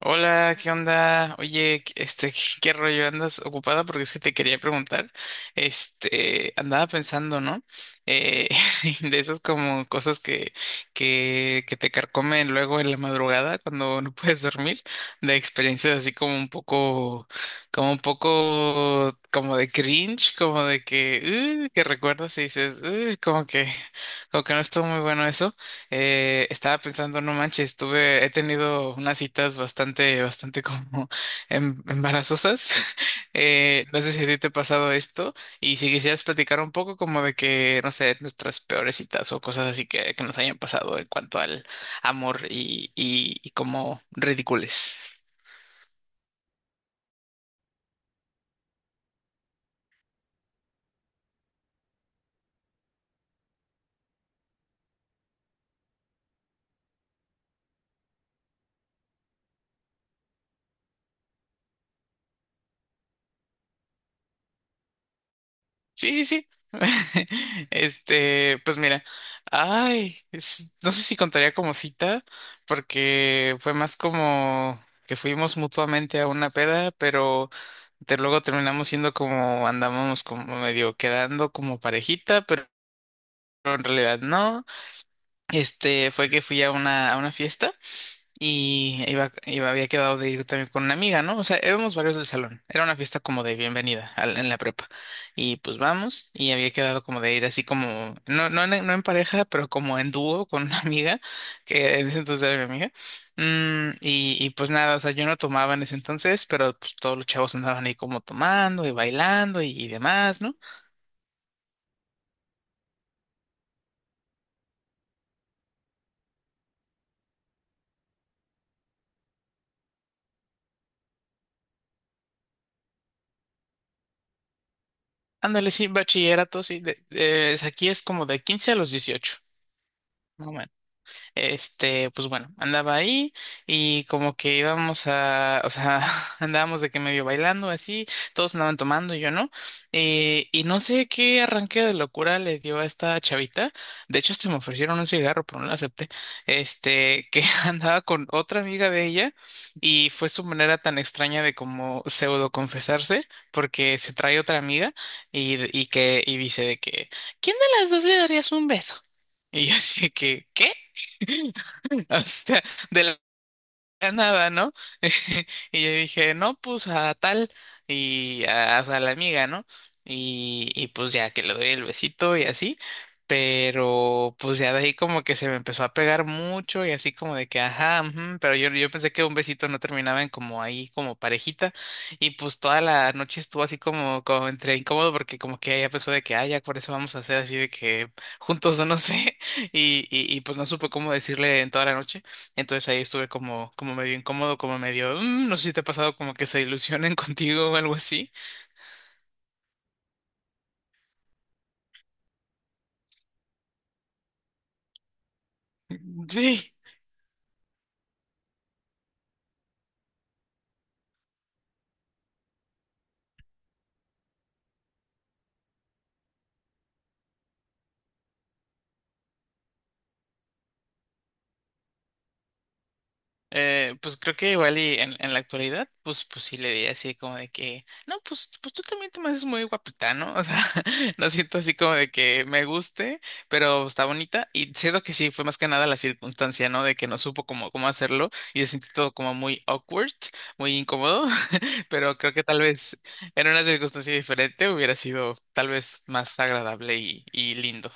Hola, ¿qué onda? Oye, ¿qué rollo? ¿Andas ocupada? Porque es que te quería preguntar. Este, andaba pensando, ¿no? Eh, de esas como cosas que te carcomen luego en la madrugada cuando no puedes dormir, de experiencias así como un poco, como un poco, como de cringe, como de que recuerdas y dices, como que no estuvo muy bueno. Estaba pensando, no manches, tuve, he tenido unas citas bastante, bastante como embarazosas. No sé si a ti te ha pasado esto y si quisieras platicar un poco como de que, no sé, nuestras peores citas o cosas así que nos hayan pasado en cuanto al amor y como ridicules. Sí, sí. Este, pues mira, ay, no sé si contaría como cita, porque fue más como que fuimos mutuamente a una peda, pero de luego terminamos siendo como andábamos como medio quedando como parejita, pero en realidad no. Este, fue que fui a una fiesta. Y había quedado de ir también con una amiga, ¿no? O sea, éramos varios del salón. Era una fiesta como de bienvenida en la prepa. Y pues vamos, y había quedado como de ir así como, no, no, no en pareja, pero como en dúo con una amiga, que en ese entonces era mi amiga. Mm, y pues nada, o sea, yo no tomaba en ese entonces, pero pues todos los chavos andaban ahí como tomando y bailando y demás, ¿no? Ándale, sí, bachillerato, sí. Aquí es como de 15 a los 18. No. Este, pues bueno, andaba ahí y como que íbamos a, o sea, andábamos de que medio bailando así, todos andaban tomando y yo no. Y no sé qué arranque de locura le dio a esta chavita. De hecho, hasta me ofrecieron un cigarro, pero no lo acepté. Este, que andaba con otra amiga de ella y fue su manera tan extraña de como pseudo confesarse, porque se trae otra amiga y dice de que, ¿quién de las dos le darías un beso? Y yo así de que, ¿qué? O sea, de la nada, ¿no? Y yo dije, no, pues a tal y a, o sea, a la amiga, ¿no? Y pues ya que le doy el besito y así, pero pues ya de ahí como que se me empezó a pegar mucho y así como de que, ajá, ujú, pero yo pensé que un besito no terminaba en como ahí, como parejita, y pues toda la noche estuvo así como, como entre incómodo porque como que ella pensó de que, ah, ya por eso vamos a hacer así de que juntos o no sé, y pues no supe cómo decirle en toda la noche. Entonces ahí estuve como, como medio incómodo, como medio, "Mm, no sé si te ha pasado como que se ilusionen contigo o algo así". Sí. Pues creo que igual y en la actualidad, pues, pues sí le diría así como de que, no, pues, pues tú también te me haces muy guapita, ¿no? O sea, no siento así como de que me guste, pero está bonita y siento que sí, fue más que nada la circunstancia, ¿no? De que no supo cómo, cómo hacerlo y se sintió todo como muy awkward, muy incómodo, pero creo que tal vez en una circunstancia diferente hubiera sido tal vez más agradable y lindo.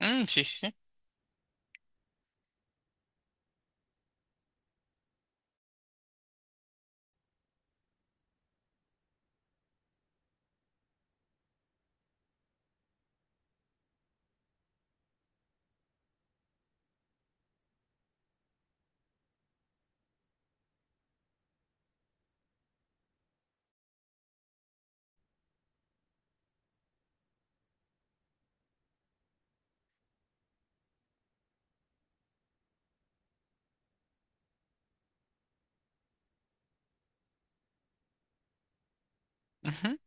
Mm, sí, sí. Sí.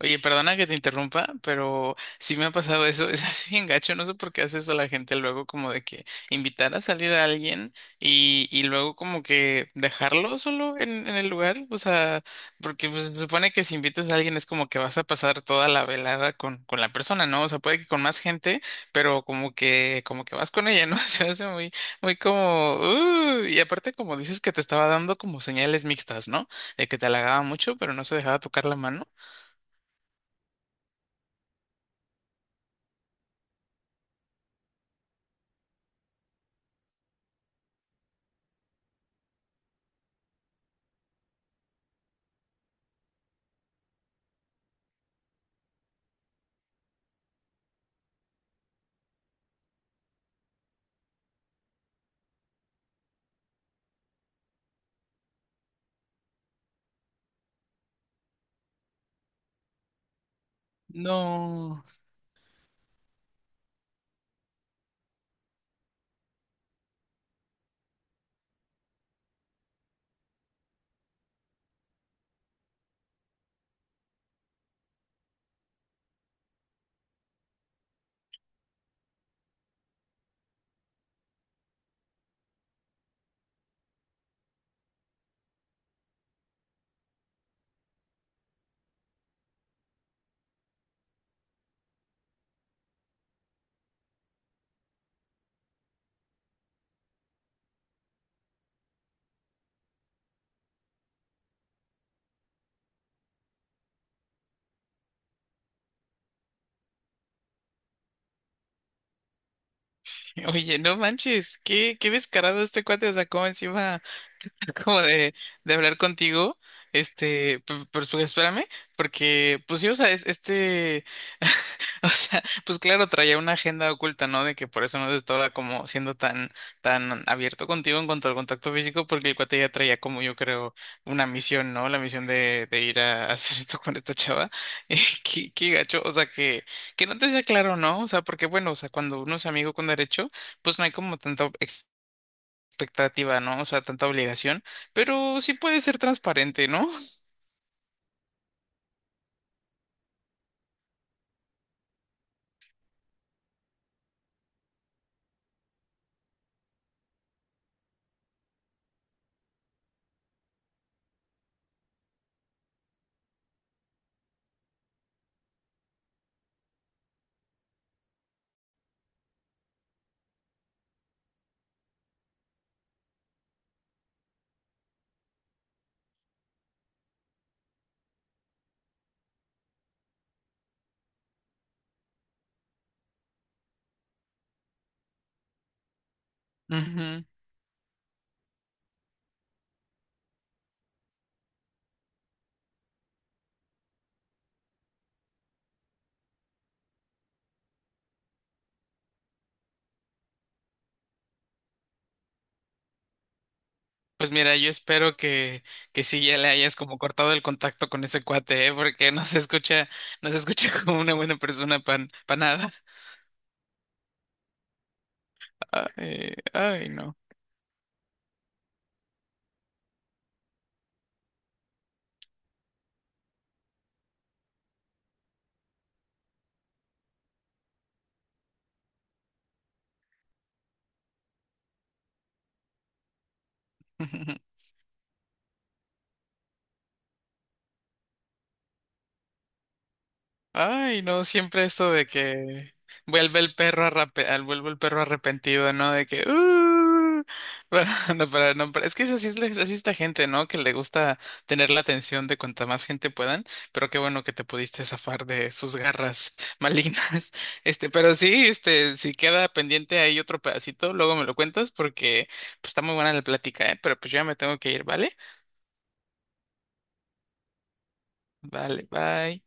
Oye, perdona que te interrumpa, pero sí me ha pasado eso, es así bien gacho, no sé por qué hace eso la gente luego como de que invitar a salir a alguien y luego como que dejarlo solo en el lugar, o sea, porque pues, se supone que si invitas a alguien es como que vas a pasar toda la velada con la persona, ¿no? O sea, puede que con más gente, pero como que vas con ella, ¿no? Se hace muy, muy como, y aparte como dices que te estaba dando como señales mixtas, ¿no? De que te halagaba mucho, pero no se dejaba tocar la mano. No. Oye, no manches, qué, qué descarado este cuate, o sea, sacó encima. Como de hablar contigo. Este, pero pues, espérame, porque pues sí, o sea, o sea, pues claro, traía una agenda oculta, ¿no? De que por eso no estaba como siendo tan, tan abierto contigo en cuanto al contacto físico, porque el cuate ya traía como yo creo una misión, ¿no? La misión de ir a hacer esto con esta chava. Eh, qué, qué gacho, o sea, que no te sea claro, ¿no? O sea, porque bueno, o sea, cuando uno es amigo con derecho, pues no hay como tanto expectativa, ¿no? O sea, tanta obligación, pero sí puede ser transparente, ¿no? Ujú. Pues mira, yo espero que sí ya le hayas como cortado el contacto con ese cuate, ¿eh? Porque no se escucha, no se escucha como una buena persona pan, para nada. Ay, ay, no. Ay, no, siempre esto de que vuelve el perro arrepentido, ¿no? De que para- no, para- no, para- es que es así así esta gente, ¿no? Que le gusta tener la atención de cuanta más gente puedan, pero qué bueno que te pudiste zafar de sus garras malignas. Este, pero sí, este, si queda pendiente ahí otro pedacito, luego me lo cuentas porque pues, está muy buena la plática, ¿eh? Pero pues yo ya me tengo que ir, ¿vale? Vale, bye.